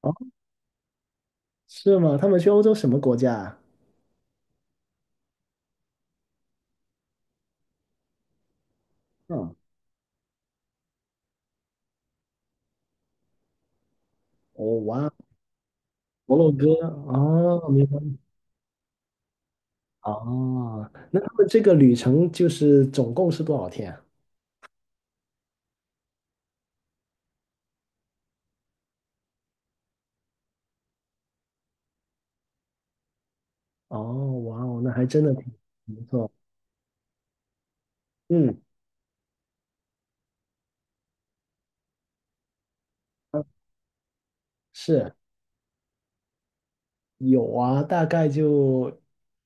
哦，是吗？他们去欧洲什么国家啊？嗯，哦，哇，摩洛哥，哦，明白，哦，那他们这个旅程就是总共是多少天啊？哦，哇哦，那还真的挺不错，嗯，啊是。有啊，大概就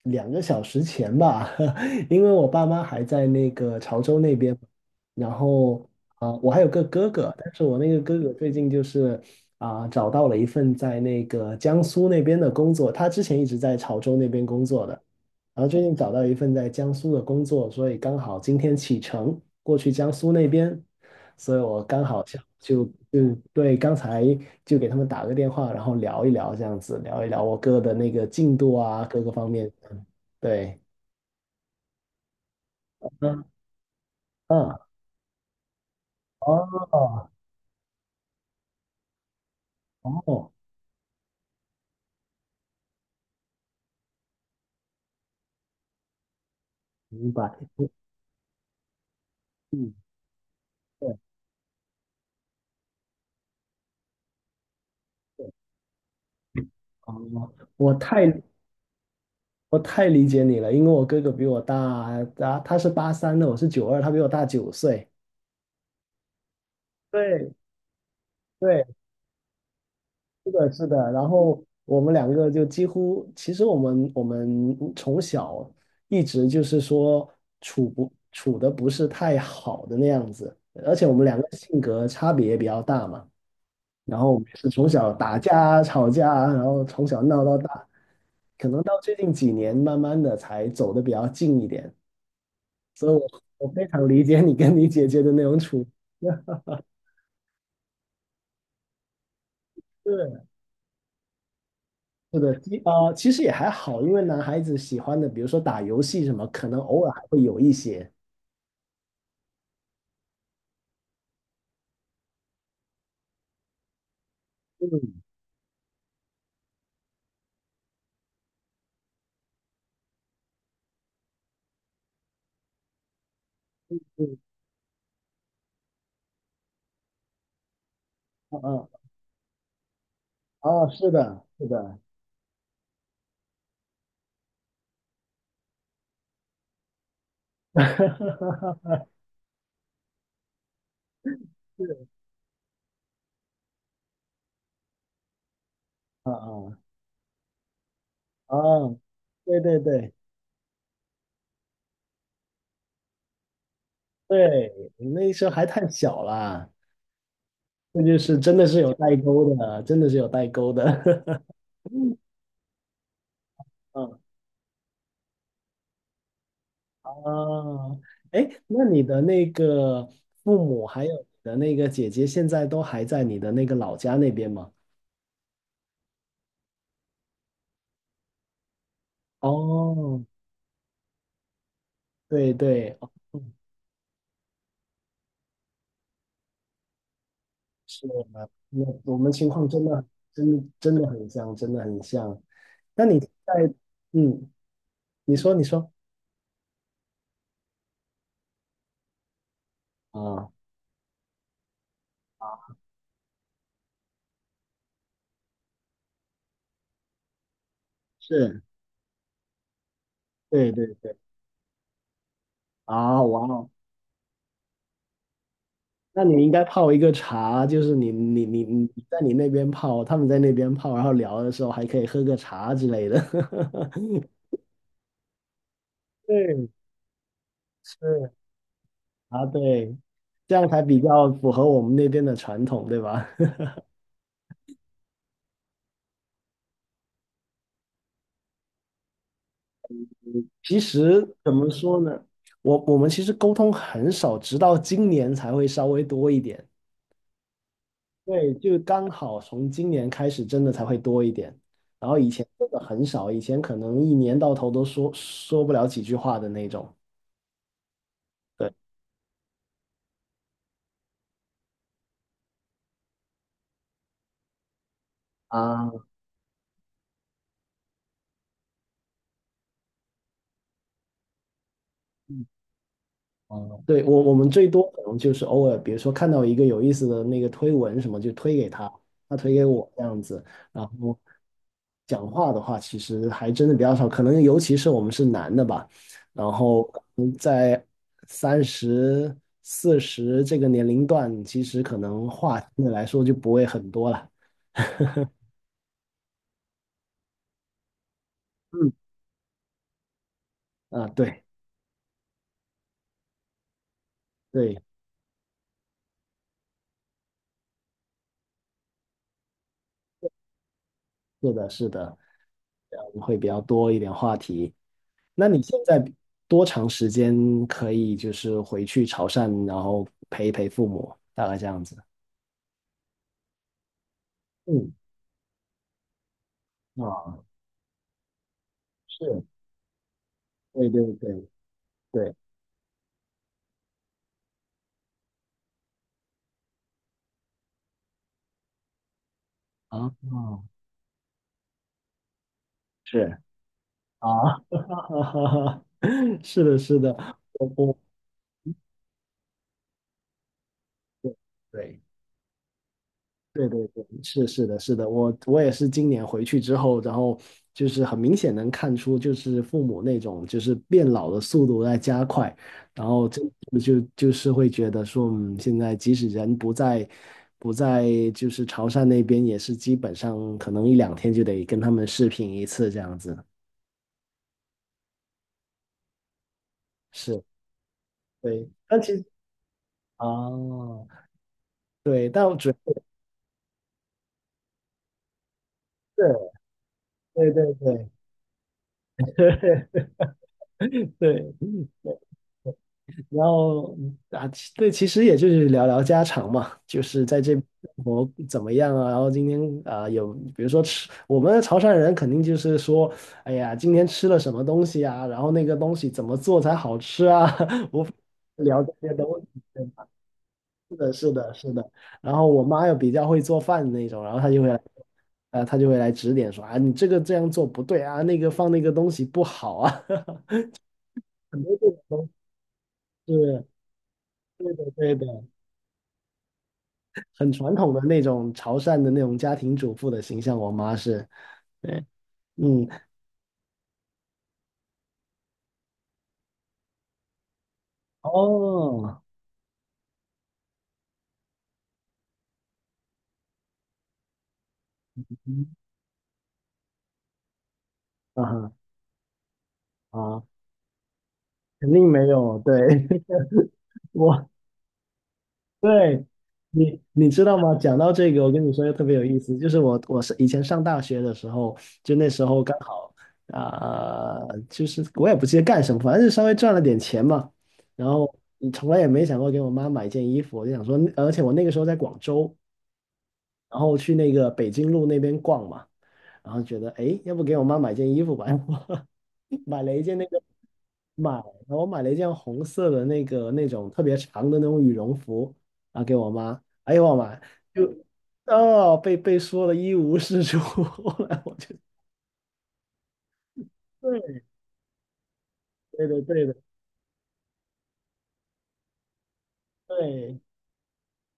2个小时前吧，因为我爸妈还在那个潮州那边，然后我还有个哥哥，但是我那个哥哥最近就是找到了一份在那个江苏那边的工作，他之前一直在潮州那边工作的，然后最近找到一份在江苏的工作，所以刚好今天启程过去江苏那边。所以我刚好想就对刚才就给他们打个电话，然后聊一聊这样子，聊一聊我哥的那个进度啊，各个方面。嗯，对，嗯嗯，哦哦，明白，嗯，对对，哦，我太我太理解你了，因为我哥哥比我大，啊他是83的，我是92，他比我大9岁。对对，是的，是的。然后我们两个就几乎，其实我们从小一直就是说处不处的不是太好的那样子，而且我们两个性格差别也比较大嘛。然后我们是从小打架、吵架，然后从小闹到大，可能到最近几年慢慢的才走的比较近一点。所以我非常理解你跟你姐姐的那种处。对。是的，其实也还好，因为男孩子喜欢的，比如说打游戏什么，可能偶尔还会有一些。嗯嗯嗯嗯，哦，是的，是的，是啊啊啊，对对对对，你那时候还太小了，那就是真的是有代沟的，真的是有代沟的。嗯啊，哎，那你的那个父母还有你的那个姐姐，现在都还在你的那个老家那边吗？哦，对对，哦是的，我们情况真的真的真的很像，真的很像。那你在嗯，你说你说啊，是，对对对，啊，哇哦，那你应该泡一个茶，就是你在你那边泡，他们在那边泡，然后聊的时候还可以喝个茶之类的。对，是啊，对，这样才比较符合我们那边的传统，对吧？其实怎么说呢？我们其实沟通很少，直到今年才会稍微多一点。对，就刚好从今年开始，真的才会多一点。然后以前真的很少，以前可能一年到头都说不了几句话的那种。对啊，嗯，对，我们最多可能就是偶尔，比如说看到一个有意思的那个推文什么，就推给他，他推给我这样子。然后讲话的话，其实还真的比较少，可能尤其是我们是男的吧，然后在30、40这个年龄段，其实可能话相对来说就不会很多了。嗯，啊，对对，是的，是的，这样会比较多一点话题。那你现在多长时间可以就是回去潮汕，然后陪一陪父母，大概这样子？嗯，啊，是，对对对对，啊，啊是啊，是的，是的，我对。对对对，是是的，是的，我也是今年回去之后，然后就是很明显能看出，就是父母那种就是变老的速度在加快，然后就是会觉得说，嗯，现在即使人不在就是潮汕那边，也是基本上可能一两天就得跟他们视频一次这样子。是，对，但其实啊，对，但我主要是，对对对 对。然后其实也就是聊聊家常嘛，就是在这边生活怎么样啊？然后今天有比如说吃，我们潮汕人肯定就是说，哎呀，今天吃了什么东西啊？然后那个东西怎么做才好吃啊？我聊这些东西，对吧？是的，是的，是的。然后我妈又比较会做饭的那种，然后她就会来，她就会来指点说啊，你这个这样做不对啊，那个放那个东西不好啊，很多这种东西是对的，对的。很传统的那种潮汕的那种家庭主妇的形象，我妈是，对，嗯，哦，啊哈啊，肯定没有，对，我，对，你知道吗？讲到这个，我跟你说又特别有意思，就是我是以前上大学的时候，就那时候刚好啊、就是我也不记得干什么，反正就稍微赚了点钱嘛，然后你从来也没想过给我妈买件衣服，我就想说，而且我那个时候在广州，然后去那个北京路那边逛嘛。然后觉得哎，诶要不给我妈买件衣服吧？我买了一件那个买，我买了一件红色的那个那种特别长的那种羽绒服啊，给我妈。哎呦我妈，就哦被说的一无是处。后来我就对对的对的对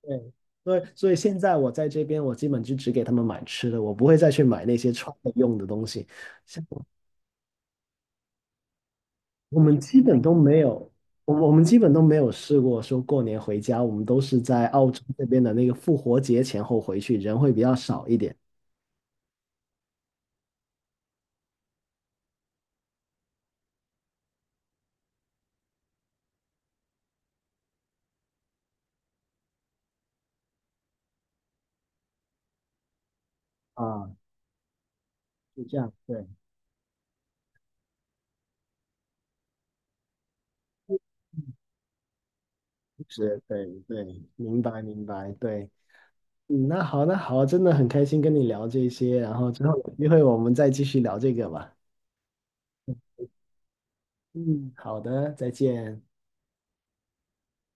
对，所以现在我在这边，我基本就只给他们买吃的，我不会再去买那些穿的用的东西。像我们基本都没有，我们基本都没有试过说过年回家，我们都是在澳洲那边的那个复活节前后回去，人会比较少一点。啊，就这样，对，是，对对，明白明白，对，嗯，那好，那好，真的很开心跟你聊这些，然后之后有机会我们再继续聊这个吧。嗯，好的，再见。